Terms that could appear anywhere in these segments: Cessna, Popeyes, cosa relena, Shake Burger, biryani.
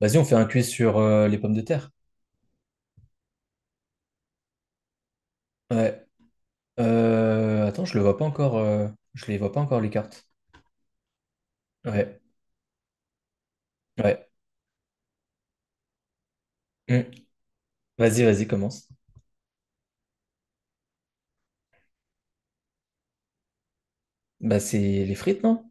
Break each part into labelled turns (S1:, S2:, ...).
S1: Vas-y, on fait un quiz sur les pommes de terre. Ouais. Attends, je le vois pas encore. Je les vois pas encore les cartes. Ouais. Ouais. Hmm. Vas-y, vas-y, commence. Bah, c'est les frites, non?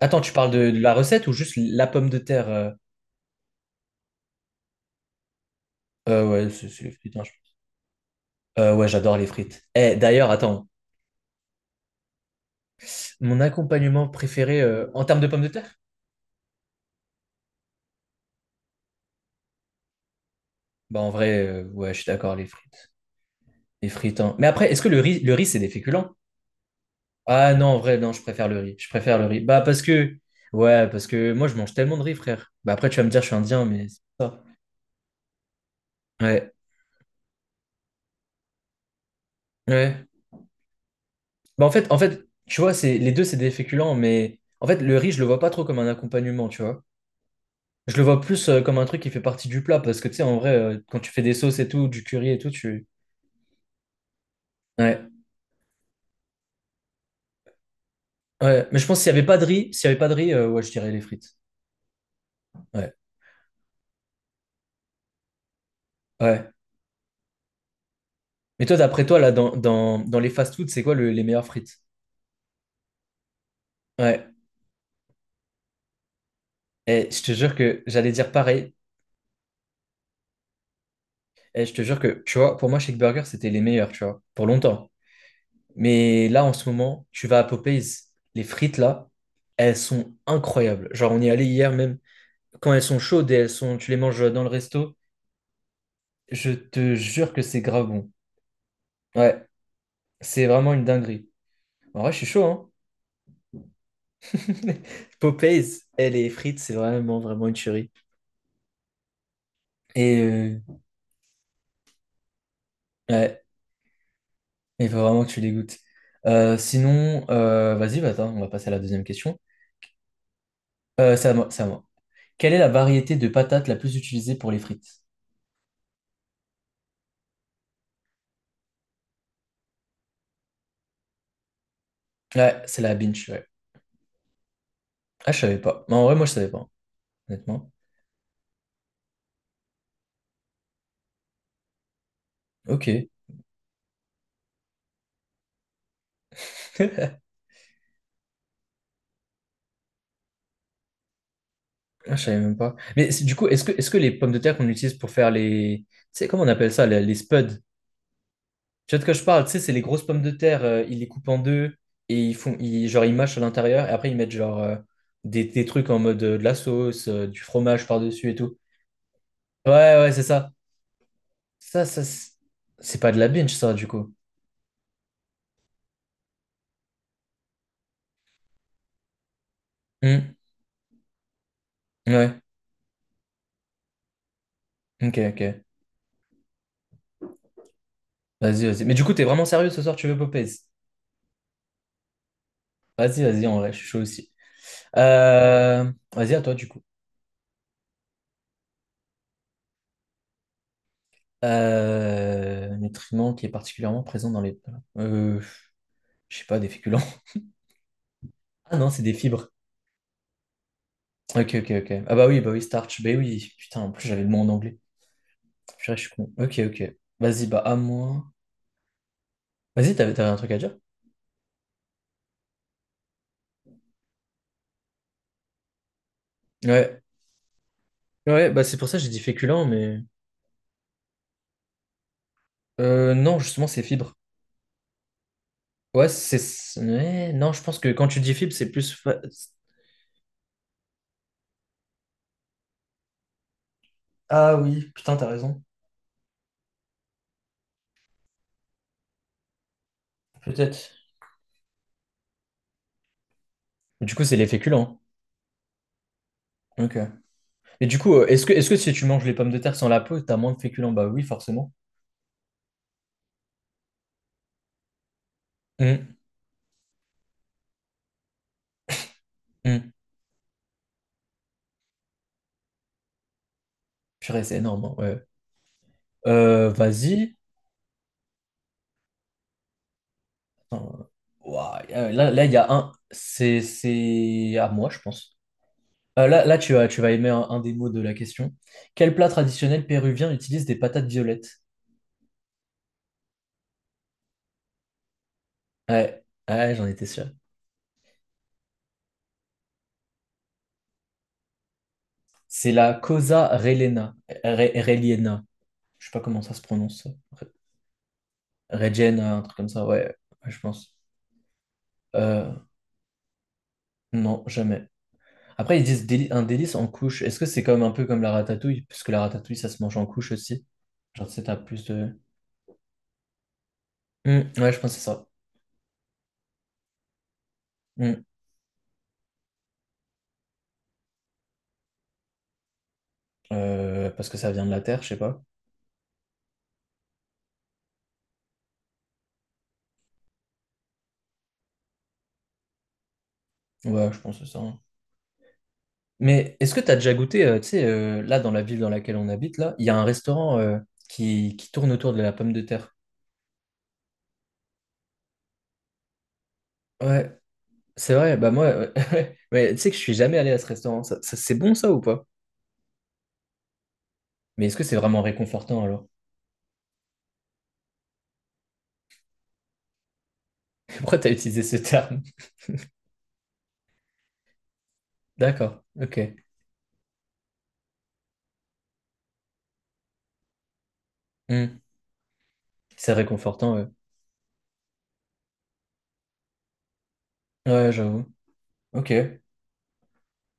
S1: Attends, tu parles de la recette ou juste la pomme de terre? Ouais, c'est les frites, hein, pense. Ouais, j'adore les frites. Eh, d'ailleurs, attends, mon accompagnement préféré en termes de pommes de terre? Bah, en vrai, ouais, je suis d'accord, les frites. Les frites, hein. Mais après, est-ce que le riz, c'est des féculents? Ah non, en vrai, non, je préfère le riz. Je préfère le riz. Ouais, parce que moi, je mange tellement de riz, frère. Bah après, tu vas me dire, je suis indien, mais c'est pas ça. Ouais, ouais. Bah en fait, tu vois, c'est les deux, c'est des féculents, mais en fait, le riz, je le vois pas trop comme un accompagnement, tu vois. Je le vois plus comme un truc qui fait partie du plat, parce que tu sais, en vrai, quand tu fais des sauces et tout, du curry et tout, tu. Ouais, ouais. Mais je pense que s'il y avait pas de riz, ouais, je dirais les frites. Ouais, ouais. Mais toi, d'après toi, là, dans les fast-foods, c'est quoi les meilleures frites? Ouais. Et je te jure que j'allais dire pareil. Et je te jure que, tu vois, pour moi, Shake Burger, c'était les meilleurs, tu vois, pour longtemps. Mais là, en ce moment, tu vas à Popeyes, les frites là, elles sont incroyables. Genre, on y est allé hier même. Quand elles sont chaudes et elles sont, tu les manges dans le resto, je te jure que c'est grave bon. Ouais, c'est vraiment une dinguerie. En vrai, je suis chaud, hein. Popeyes, et les frites, c'est vraiment, vraiment une tuerie. Et euh, ouais, il faut vraiment que tu les goûtes. Sinon, vas-y, bah, attends, on va passer à la deuxième question. C'est à moi. Quelle est la variété de patates la plus utilisée pour les frites? Ouais, c'est la binge, ouais. Ah, je savais pas. Mais en vrai, moi, je savais pas, honnêtement. Ok. Ah, je savais même pas. Du coup, est-ce que les pommes de terre qu'on utilise pour faire les… Tu sais, comment on appelle ça, les spuds? Tu vois de quoi je parle? Tu sais, c'est les grosses pommes de terre, ils les coupent en deux et ils font… Ils, genre, ils mâchent à l'intérieur et après, ils mettent des trucs en mode de la sauce, du fromage par-dessus et tout. Ouais, ouais, c'est ça. Ça, c'est pas de la binge, ça, du coup. Hmm. Ouais, ok, ok. Vas-y, vas-y. Mais du coup, t'es vraiment sérieux ce soir, tu veux Popeyes? Vas-y, vas-y, en vrai, je suis chaud aussi. Vas-y, à toi, du coup. Euh… Un nutriment qui est particulièrement présent dans les… Euh… Je sais pas, des féculents. Ah non, c'est des fibres. Ok, ok, ok. Ah bah oui, starch. Bah oui, putain, en plus, j'avais le mot en anglais. Purée, je suis con. Ok, ok. Vas-y, bah à moi. Vas-y, t'avais un truc à dire? Ouais. Ouais, bah c'est pour ça que j'ai dit féculent, mais… non, justement, c'est fibres. Ouais, c'est… ouais, non, je pense que quand tu dis fibres, c'est plus… Ah oui, putain, t'as raison. Peut-être. Mais du coup, c'est les féculents. Ok. Et du coup, est-ce que si tu manges les pommes de terre sans la peau, t'as moins de féculents? Bah oui, forcément. Hum, hum. Purée, c'est énorme, hein, ouais. Vas-y. Attends. Ouah, là, il y a un. C'est à moi, je pense. Là, tu vas aimer un des mots de la question. Quel plat traditionnel péruvien utilise des patates violettes? Ouais, ouais, j'en étais sûr. C'est la cosa relena. Reliena. Je sais pas comment ça se prononce. Regen, un truc comme ça, ouais, ouais, je pense. Euh, non, jamais. Après, ils disent un délice en couche. Est-ce que c'est comme un peu comme la ratatouille? Parce que la ratatouille, ça se mange en couche aussi. Genre, tu sais, t'as plus de. Hmm, ouais, je pense que c'est ça. Hmm. Parce que ça vient de la terre, je sais pas. Ouais, je pense que c'est ça, hein. Mais est-ce que t'as déjà goûté, tu sais, là, dans la ville dans laquelle on habite, là, il y a un restaurant qui tourne autour de la pomme de terre. Ouais, c'est vrai, bah moi, ouais. Mais tu sais que je suis jamais allé à ce restaurant. C'est bon ça ou pas? Mais est-ce que c'est vraiment réconfortant alors? Pourquoi t'as utilisé ce terme? D'accord, ok. Hmm. C'est réconfortant, ouais. Ouais, j'avoue. Ok.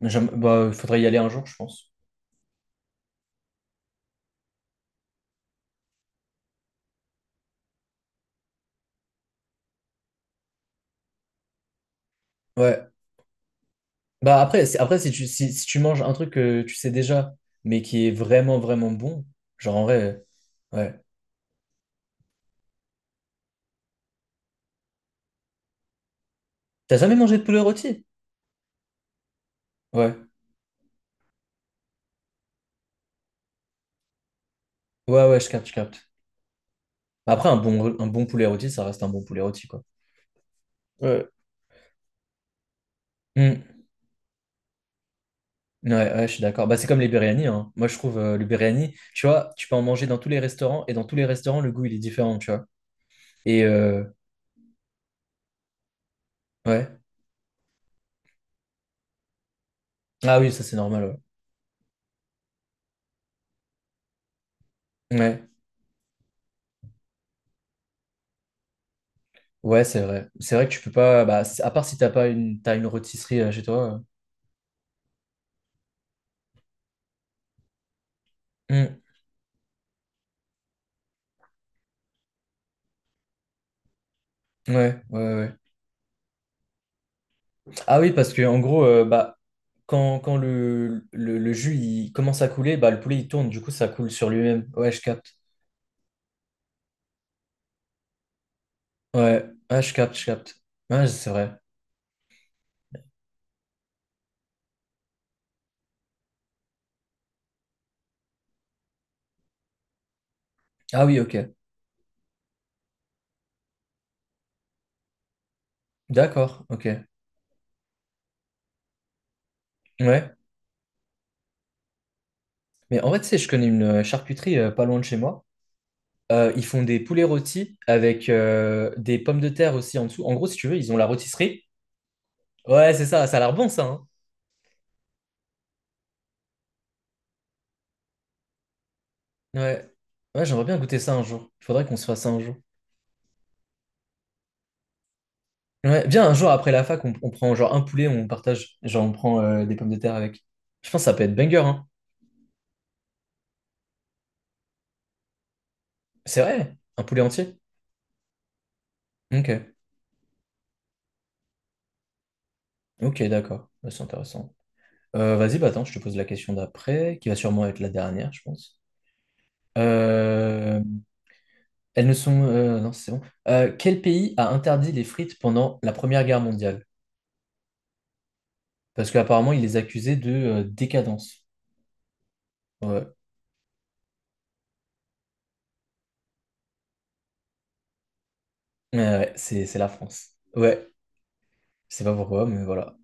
S1: Bah, il faudrait y aller un jour, je pense. Ouais. Après si tu, si tu manges un truc que tu sais déjà, mais qui est vraiment bon, genre en vrai, ouais. T'as jamais mangé de poulet rôti? Ouais. Ouais, ouais, je capte, je capte. Après, un bon poulet rôti, ça reste un bon poulet rôti, quoi. Ouais. Hmm. Ouais, ouais, je suis d'accord. Bah, c'est comme les biryani, hein. Moi, je trouve le biryani, tu vois, tu peux en manger dans tous les restaurants et dans tous les restaurants, le goût, il est différent, tu vois. Et euh, ouais. Ah oui, ça c'est normal, ouais. Ouais, ouais, c'est vrai. C'est vrai que tu peux pas. Bah, à part si t'as pas une, t'as une rôtisserie chez toi. Euh. Hmm. Ouais, ouais, ouais. Ah oui, parce que en gros, bah, quand, le jus il commence à couler, bah, le poulet il tourne, du coup ça coule sur lui-même. Ouais, je capte. Ouais, ah, je capte, je capte. Ouais, c'est vrai. Ah oui, ok. D'accord, ok. Ouais. Mais en vrai, tu sais, je connais une charcuterie pas loin de chez moi. Ils font des poulets rôtis avec des pommes de terre aussi en dessous. En gros, si tu veux, ils ont la rôtisserie. Ouais, c'est ça, ça a l'air bon ça, hein. Ouais. Ouais, j'aimerais bien goûter ça un jour. Il faudrait qu'on se fasse ça un jour. Ouais, viens, un jour après la fac, on prend genre un poulet, on partage. Genre, on prend des pommes de terre avec. Je pense que ça peut être banger, hein. C'est vrai, un poulet entier. Ok, ok, d'accord. Ouais, c'est intéressant. Vas-y, bah attends, je te pose la question d'après, qui va sûrement être la dernière, je pense. Euh, Elles ne sont… non, c'est bon. Quel pays a interdit les frites pendant la Première Guerre mondiale? Parce qu'apparemment, il les accusait de décadence. Ouais, ouais, ouais, c'est la France. Ouais, je sais pas pourquoi, mais voilà.